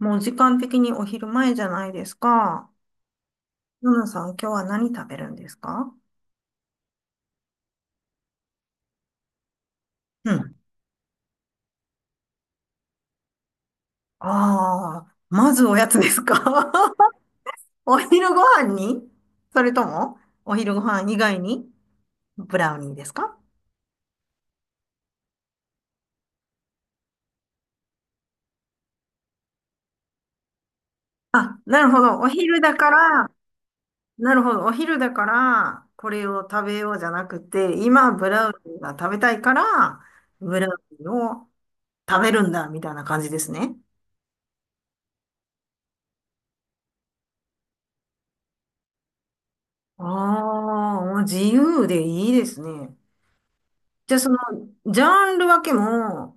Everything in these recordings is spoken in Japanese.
もう時間的にお昼前じゃないですか。ナナさん、今日は何食べるんですか？うん。ああ、まずおやつですか？ お昼ご飯に、それとも、お昼ご飯以外にブラウニーですか？あ、なるほど。お昼だから、なるほど。お昼だから、これを食べようじゃなくて、今、ブラウニーが食べたいから、ブラウニーを食べるんだ、みたいな感じですね。ああ、もう自由でいいですね。じゃあその、ジャンル分けも、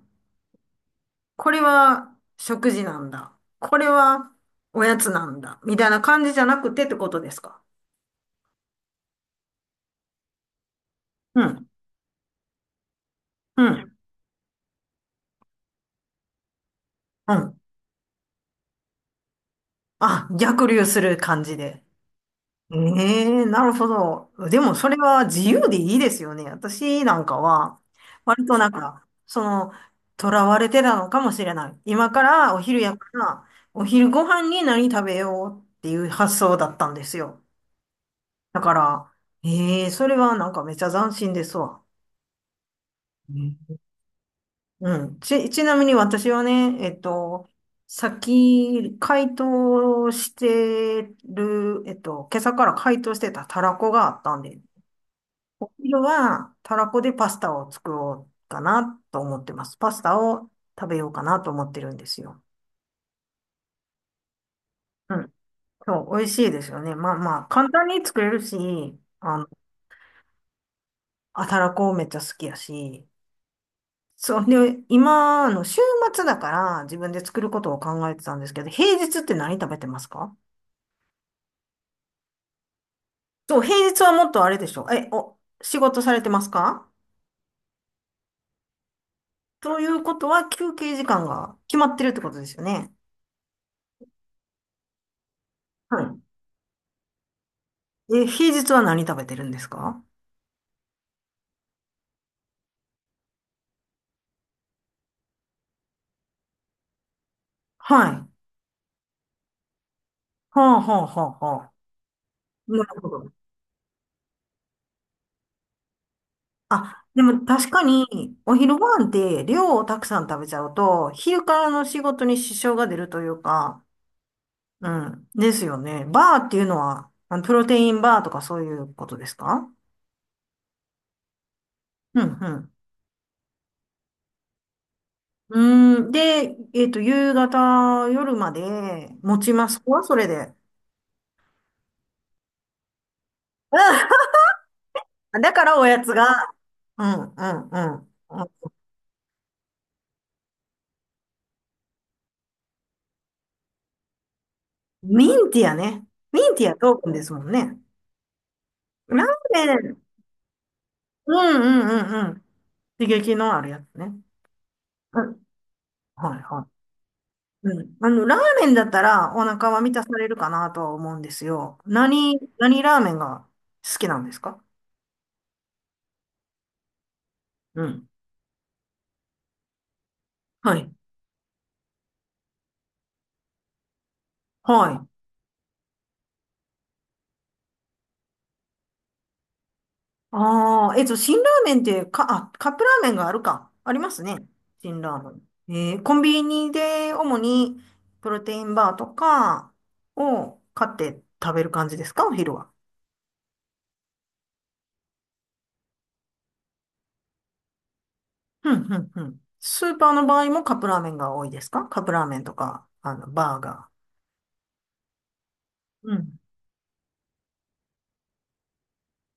これは食事なんだ、これはおやつなんだ、みたいな感じじゃなくてってことですか？うん、うん、うん。あ、逆流する感じで。ええ、なるほど。でもそれは自由でいいですよね。私なんかは、割となんか、その、囚われてたのかもしれない。今からお昼やから、お昼ご飯に何食べようっていう発想だったんですよ。だから、ええ、それはなんかめっちゃ斬新ですわ。うん、うん。ちなみに私はね、先、解凍してる、今朝から解凍してたたらこがあったんで、お昼はたらこでパスタを作ろうかなと思ってます。パスタを食べようかなと思ってるんですよ。うん。そう、美味しいですよね。まあまあ、簡単に作れるし、あの、あ、たらこめっちゃ好きやし、そう。で、今の週末だから自分で作ることを考えてたんですけど、平日って何食べてますか？そう、平日はもっとあれでしょ。仕事されてますか？ということは休憩時間が決まってるってことですよね。はい。え、平日は何食べてるんですか？はい。はあ、はあ、はあ、はあ。なるほど。あ、でも確かにお昼ご飯って量をたくさん食べちゃうと、昼からの仕事に支障が出るというか、うん。ですよね。バーっていうのは、あのプロテインバーとかそういうことですか？うん、うん。うーん。で、夕方、夜まで持ちますか、それで。うん、だからおやつが、うん、うん、うん。うん、ミンティアね。ミンティアトークンですもんね。ラーメン。うん、うん、うん、うん。刺激のあるやつね。うん。はい、はい。うん。あの、ラーメンだったらお腹は満たされるかなとは思うんですよ。何ラーメンが好きなんですか？うん。はい。はい。ああ、辛ラーメンって、カップラーメンがあるか。ありますね。辛ラーメン。コンビニで主にプロテインバーとかを買って食べる感じですか、お昼は。うん、うん、うん。スーパーの場合もカップラーメンが多いですか？カップラーメンとか、あの、バーガー。うん、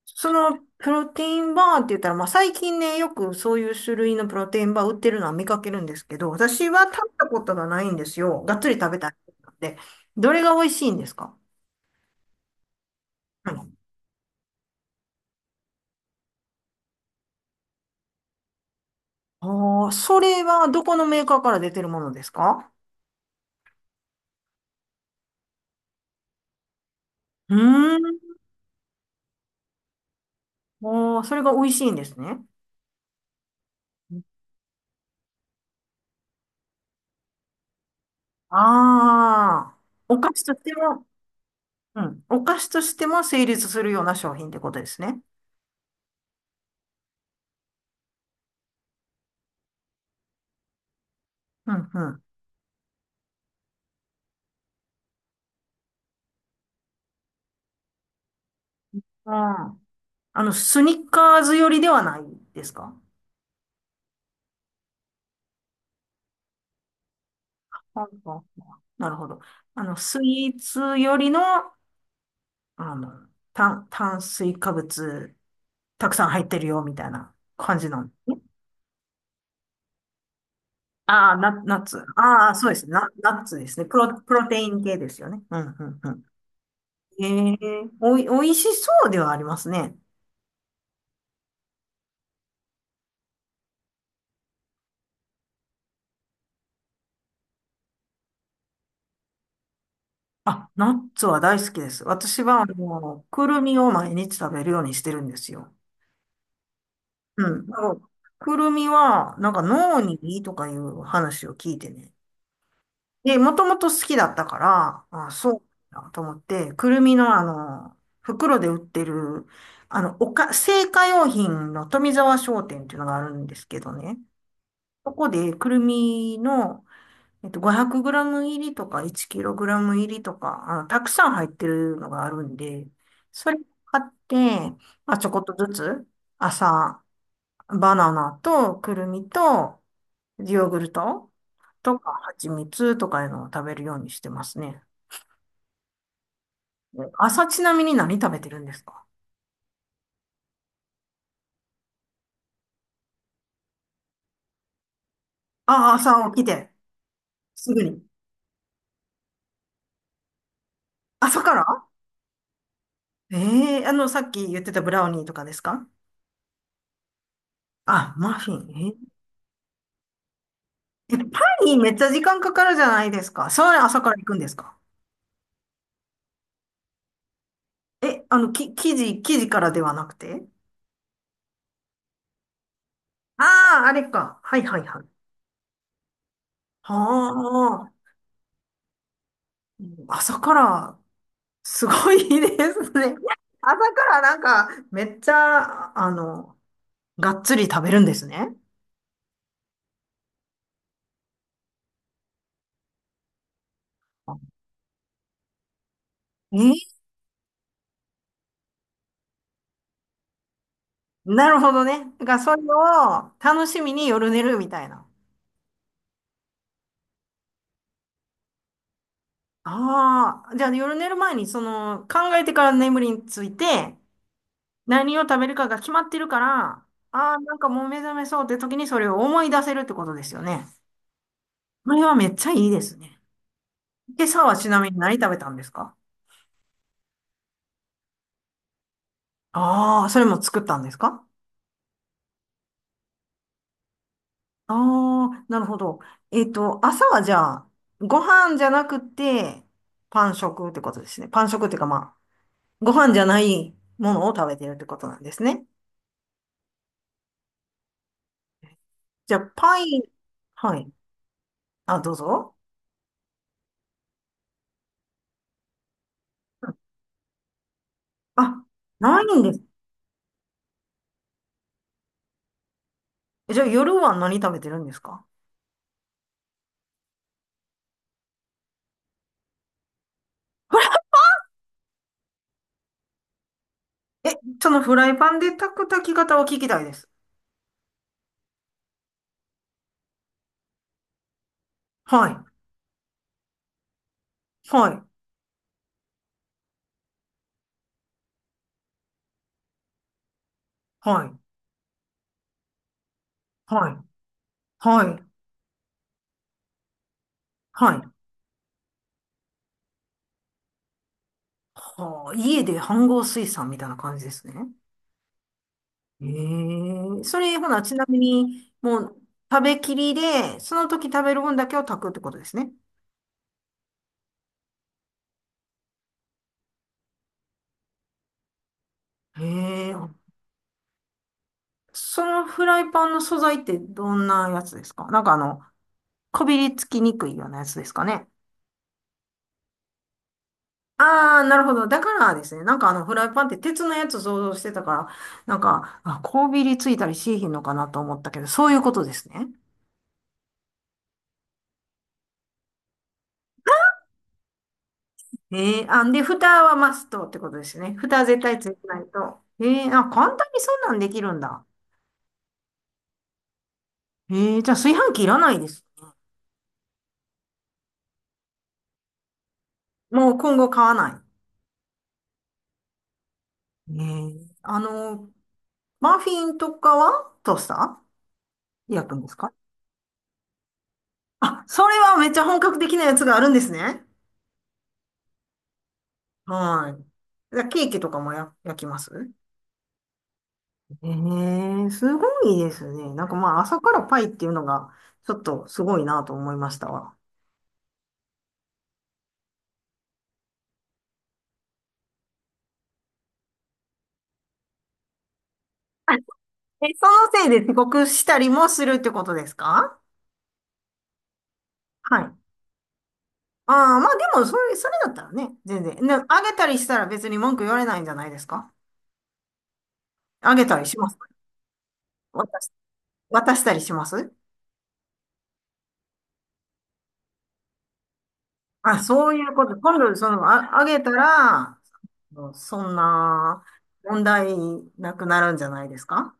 そのプロテインバーって言ったら、まあ最近ね、よくそういう種類のプロテインバー売ってるのは見かけるんですけど、私は食べたことがないんですよ。がっつり食べたいので。どれが美味しいんですか？はい、ああ、それはどこのメーカーから出てるものですか？うーん。ああ、それが美味しいんですね。ああ、お菓子としても、うん、お菓子としても成立するような商品ってことですね。うん、うん。ああ、あの、スニッカーズ寄りではないですか？はあ、はあ、はあ、なるほど。あの、スイーツよりの、あの、炭水化物、たくさん入ってるよ、みたいな感じなんですね。ああ、ナッツ。ああ、そうですね。ナッツですね。プロテイン系ですよね。うん、うん、うん。ええ、おいしそうではありますね。あ、ナッツは大好きです。私は、あの、くるみを毎日食べるようにしてるんですよ。うん。あの、くるみは、なんか脳にいいとかいう話を聞いてね。で、もともと好きだったから、あ、そうだと思って、くるみのあの、袋で売ってる、あの、製菓用品の富沢商店っていうのがあるんですけどね。そこでくるみの、500グラム入りとか1キログラム入りとか、あの、たくさん入ってるのがあるんで、それ買って、まあ、ちょこっとずつ、朝、バナナとくるみと、ヨーグルトとか蜂蜜とかいうのを食べるようにしてますね。朝ちなみに何食べてるんですか？ああ、朝起きて、すぐに。朝から？えあの、さっき言ってたブラウニーとかですか？あ、マフィン。ええ、パンにめっちゃ時間かかるじゃないですか。それ朝から行くんですか？え、あの、き、生地、生地からではなくて、ああー、あれか。はい、はい、はい。はあ、朝からすごいですね。朝からなんか、めっちゃ、あの、がっつり食べるんですね。えーなるほどね。だからそれを楽しみに夜寝るみたいな。ああ、じゃあ夜寝る前にその考えてから眠りについて、何を食べるかが決まってるから、ああ、なんかもう目覚めそうって時にそれを思い出せるってことですよね。これはめっちゃいいですね。今朝はちなみに何食べたんですか？ああー、それも作ったんですか？ああ、なるほど。朝はじゃあ、ご飯じゃなくて、パン食ってことですね。パン食っていうかまあ、ご飯じゃないものを食べてるってことなんですね。じゃあ、パイン、はい。あ、どうぞ。あ、ないんです。え、じゃあ、夜は何食べてるんですか？ え、そのフライパンで炊く炊き方を聞きたいです。はい。はい。はい。はい。はい。はい。はあ、家で飯盒炊さんみたいな感じですね。ええ、それ、ほな、ちなみに、もう、食べきりで、その時食べる分だけを炊くってことですね。ええ、そのフライパンの素材ってどんなやつですか？なんかあの、こびりつきにくいようなやつですかね。ああ、なるほど。だからですね、なんかあの、フライパンって鉄のやつ想像してたから、なんか、あ、こびりついたりしなひんのかなと思ったけど、そういうことですね。ええ、あ、で、蓋はマストってことですね。蓋は絶対ついてないと。ええ、あ、簡単にそんなんできるんだ。えー、じゃあ炊飯器いらないです。もう今後買わない。えー、あの、マフィンとかはトースター焼くんですか？あ、それはめっちゃ本格的なやつがあるんですね。はい。じゃあケーキとかも、焼きます？えー、すごいですね。なんかまあ朝からパイっていうのがちょっとすごいなと思いましたわ。あ、え、そのせいで遅刻したりもするってことですか？はい。ああ、まあでもそれ、それだったらね、全然。ね、あげたりしたら別に文句言われないんじゃないですか？あげたりします？渡し、渡したりします？あ、そういうこと。今度、その、あ、あげたら、そんな問題なくなるんじゃないですか？